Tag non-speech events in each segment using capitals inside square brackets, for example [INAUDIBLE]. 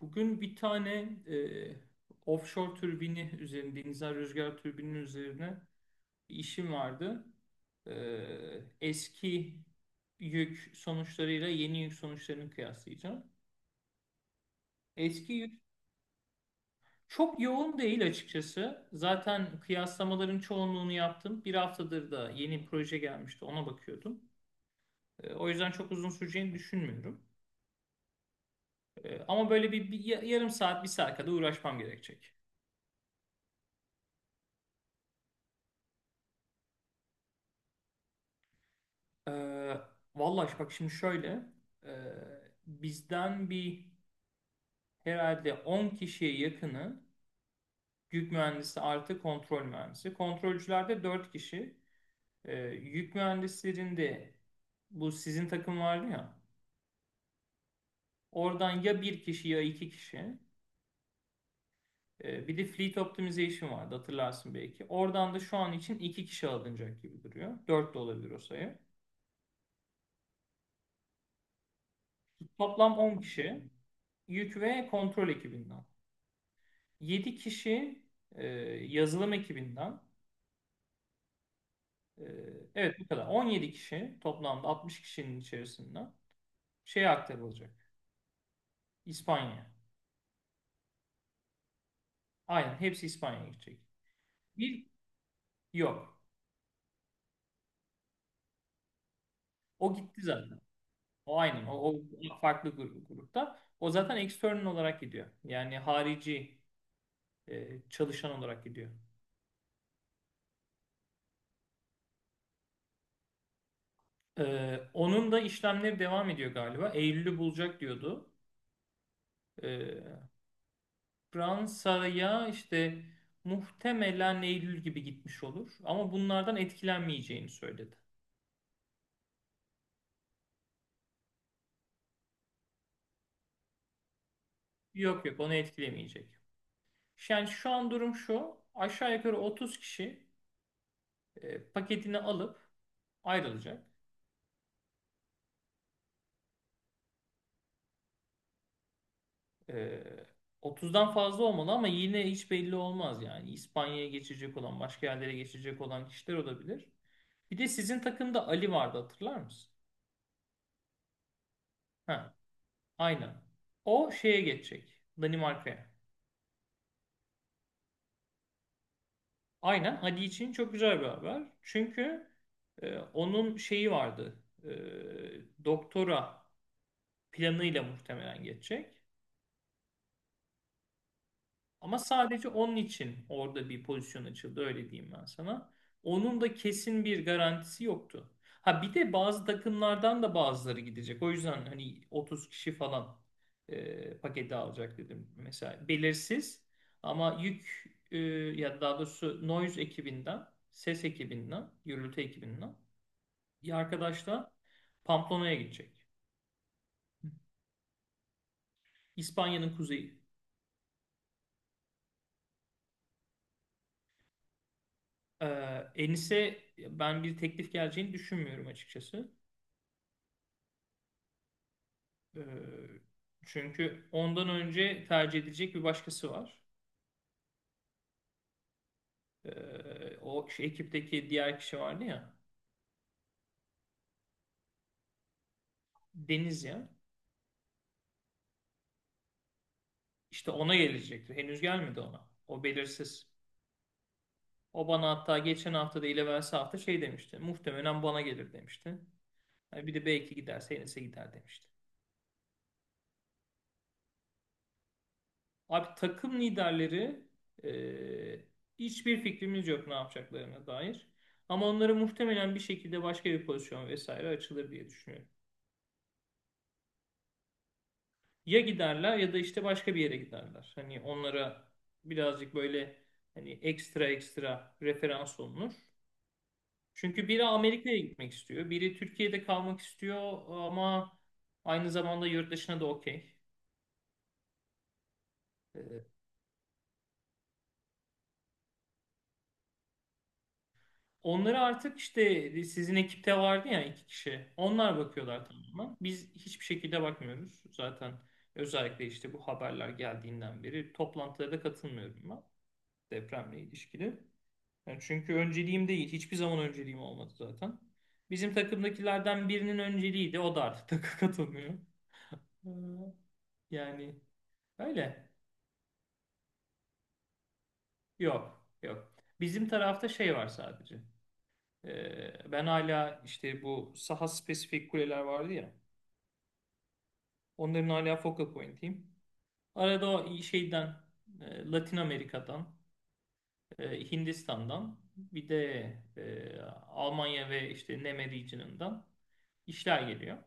Bugün bir tane e, offshore türbini üzerine, denizden rüzgar türbinin üzerine bir işim vardı. E, Eski yük sonuçlarıyla yeni yük sonuçlarını kıyaslayacağım. Eski yük çok yoğun değil açıkçası. Zaten kıyaslamaların çoğunluğunu yaptım. Bir haftadır da yeni proje gelmişti, ona bakıyordum. O yüzden çok uzun süreceğini düşünmüyorum. Ama böyle bir yarım saat, bir saat kadar uğraşmam gerekecek. Ee, Vallahi bak şimdi şöyle, e, bizden bir herhalde 10 kişiye yakını yük mühendisi artı kontrol mühendisi. Kontrolcülerde 4 kişi. Yük mühendislerinde, bu sizin takım vardı ya, oradan ya bir kişi ya iki kişi. Bir de fleet optimization vardı, hatırlarsın belki. Oradan da şu an için iki kişi alınacak gibi duruyor. Dört de olabilir o sayı. Toplam 10 kişi yük ve kontrol ekibinden. 7 kişi e, yazılım ekibinden. e, evet, bu kadar 17 kişi toplamda 60 kişinin içerisinden şeye aktarılacak. İspanya. Aynen, hepsi İspanya'ya gidecek. Bir, yok. O gitti zaten. O aynen. O farklı grupta. O zaten external olarak gidiyor. Yani harici çalışan olarak gidiyor. E, Onun da işlemleri devam ediyor galiba. Eylül'ü bulacak diyordu. E, Fransa'ya işte muhtemelen Eylül gibi gitmiş olur. Ama bunlardan etkilenmeyeceğini söyledi. Yok, yok, onu etkilemeyecek. Yani şu an durum şu. Aşağı yukarı 30 kişi paketini alıp ayrılacak. E, 30'dan fazla olmalı ama yine hiç belli olmaz yani. İspanya'ya geçecek olan, başka yerlere geçecek olan kişiler olabilir. Bir de sizin takımda Ali vardı, hatırlar mısın? Ha, aynen. O şeye geçecek. Danimarka'ya. Aynen, Hadi için çok güzel bir haber. Çünkü onun şeyi vardı. Doktora planıyla muhtemelen geçecek. Ama sadece onun için orada bir pozisyon açıldı, öyle diyeyim ben sana. Onun da kesin bir garantisi yoktu. Ha, bir de bazı takımlardan da bazıları gidecek. O yüzden hani 30 kişi falan paketi alacak dedim. Mesela belirsiz ama yük, ya daha doğrusu Noise ekibinden, ses ekibinden, gürültü ekibinden bir arkadaş da Pamplona'ya gidecek. İspanya'nın kuzeyi. E, Enis'e ben bir teklif geleceğini düşünmüyorum açıkçası. Ee, Çünkü ondan önce tercih edilecek bir başkası var. O, şu ekipteki diğer kişi vardı ya. Deniz ya. İşte ona gelecekti. Henüz gelmedi ona. O belirsiz. O bana hatta geçen hafta, da evvelsi hafta şey demişti. Muhtemelen bana gelir demişti. Ha, bir de belki giderse Enes'e gider demişti. Abi, takım liderleri, e, hiçbir fikrimiz yok ne yapacaklarına dair. Ama onları muhtemelen bir şekilde başka bir pozisyon vesaire açılır diye düşünüyorum. Ya giderler ya da işte başka bir yere giderler. Hani onlara birazcık böyle, hani ekstra ekstra referans olunur. Çünkü biri Amerika'ya gitmek istiyor, biri Türkiye'de kalmak istiyor ama aynı zamanda yurt dışına da okey. Ee, Onları artık, işte sizin ekipte vardı ya, iki kişi. Onlar bakıyorlar tamamen. Biz hiçbir şekilde bakmıyoruz. Zaten özellikle işte bu haberler geldiğinden beri toplantılara da katılmıyorum ben, depremle ilişkili. Yani çünkü önceliğim değil. Hiçbir zaman önceliğim olmadı zaten. Bizim takımdakilerden birinin önceliğiydi. O da artık [LAUGHS] katılmıyor. Ee, Yani öyle. Yok. Yok. Bizim tarafta şey var sadece. Ben hala işte bu saha spesifik kuleler vardı ya. Onların hala focal point'iyim. Arada o şeyden, Latin Amerika'dan, Hindistan'dan, bir de e, Almanya ve işte NEME region'ından işler geliyor.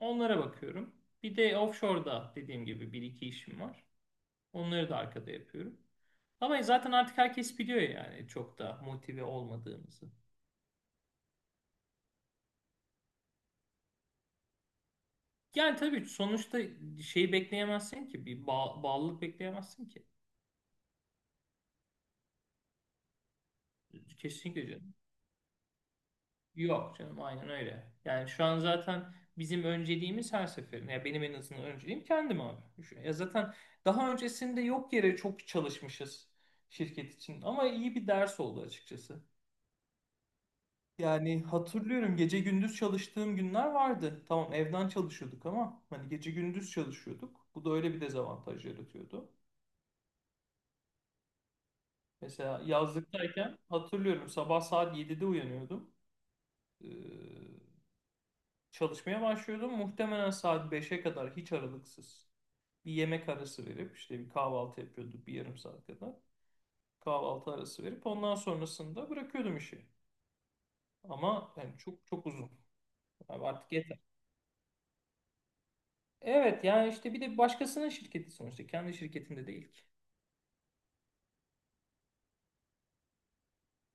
Onlara bakıyorum. Bir de offshore'da dediğim gibi bir iki işim var. Onları da arkada yapıyorum. Ama zaten artık herkes biliyor yani çok da motive olmadığımızı. Yani tabii, sonuçta şeyi bekleyemezsin ki. Bir bağlılık bekleyemezsin ki. Kesinlikle canım. Yok canım, aynen öyle. Yani şu an zaten bizim önceliğimiz her seferinde. Ya benim en azından önceliğim kendim abi. Ya zaten daha öncesinde yok yere çok çalışmışız şirket için. Ama iyi bir ders oldu açıkçası. Yani hatırlıyorum, gece gündüz çalıştığım günler vardı. Tamam, evden çalışıyorduk ama hani gece gündüz çalışıyorduk. Bu da öyle bir dezavantaj yaratıyordu. Mesela yazlıktayken hatırlıyorum, sabah saat 7'de uyanıyordum. Ee, Çalışmaya başlıyordum. Muhtemelen saat 5'e kadar hiç aralıksız, bir yemek arası verip işte bir kahvaltı yapıyorduk bir yarım saat kadar. Kahvaltı arası verip ondan sonrasında bırakıyordum işi. Ama yani çok çok uzun. Yani artık. Evet, yani işte bir de başkasının şirketi sonuçta, kendi şirketinde değil ki.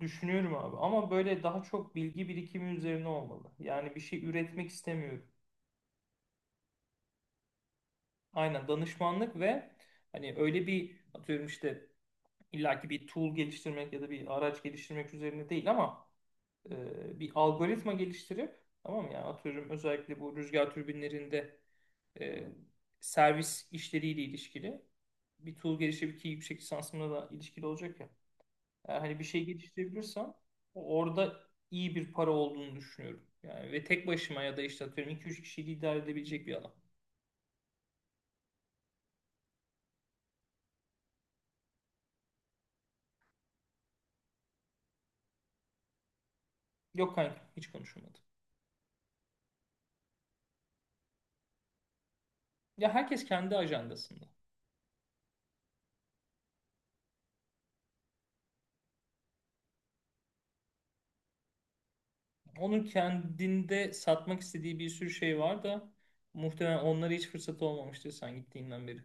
Düşünüyorum abi ama böyle daha çok bilgi birikimi üzerine olmalı. Yani bir şey üretmek istemiyorum. Aynen, danışmanlık ve hani öyle bir, atıyorum işte, illaki bir tool geliştirmek ya da bir araç geliştirmek üzerine değil ama bir algoritma geliştirip, tamam mı? Yani atıyorum, özellikle bu rüzgar türbinlerinde e, servis işleriyle ilişkili bir tool geliştirip, ki yüksek lisansımla da ilişkili olacak ya. Eğer hani bir şey geliştirebilirsem orada iyi bir para olduğunu düşünüyorum. Yani ve tek başıma ya da işte, atıyorum, iki üç kişiyi idare edebilecek bir alan. Yok kanka, hiç konuşulmadı. Ya herkes kendi ajandasında. Onun kendinde satmak istediği bir sürü şey var da muhtemelen onlara hiç fırsat olmamıştır sen gittiğinden beri.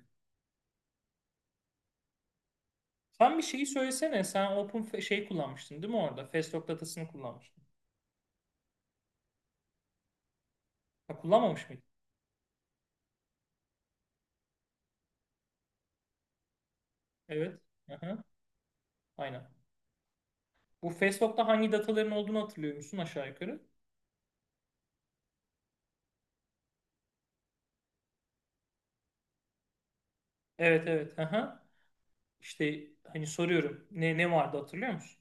Sen bir şeyi söylesene. Sen şey kullanmıştın değil mi orada? Festock datasını kullanmıştın. Ha, kullanmamış mıydın? Evet. Aha, aynen. Bu Festock'ta hangi dataların olduğunu hatırlıyor musun aşağı yukarı? Evet, evet. Aha. İşte hani soruyorum. Ne ne vardı hatırlıyor musun?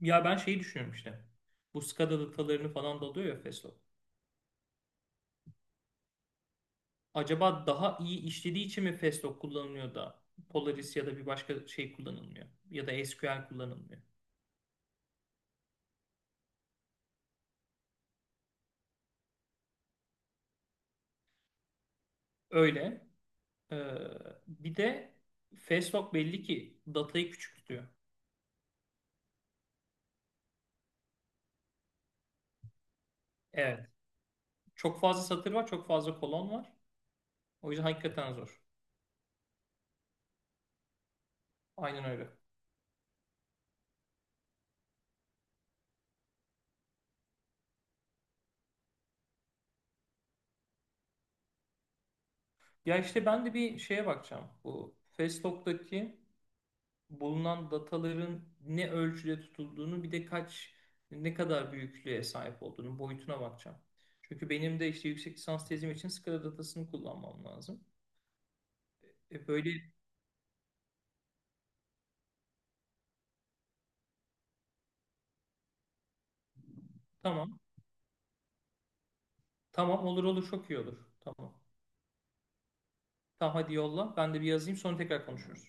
Ya ben şeyi düşünüyorum işte. Bu SCADA datalarını falan da alıyor ya Festo. Acaba daha iyi işlediği için mi Festo kullanılıyor da Polaris ya da bir başka şey kullanılmıyor? Ya da SQL kullanılmıyor. Öyle. Ee, Bir de Festo belli ki datayı küçük tutuyor. Evet. Çok fazla satır var, çok fazla kolon var. O yüzden hakikaten zor. Aynen öyle. Ya işte ben de bir şeye bakacağım. Bu Festock'taki bulunan dataların ne ölçüde tutulduğunu, bir de ne kadar büyüklüğe sahip olduğunu, boyutuna bakacağım. Çünkü benim de işte yüksek lisans tezim için SCADA datasını kullanmam lazım. Böyle, tamam. Tamam, olur olur, çok iyi olur. Tamam. Tamam hadi yolla. Ben de bir yazayım, sonra tekrar konuşuruz.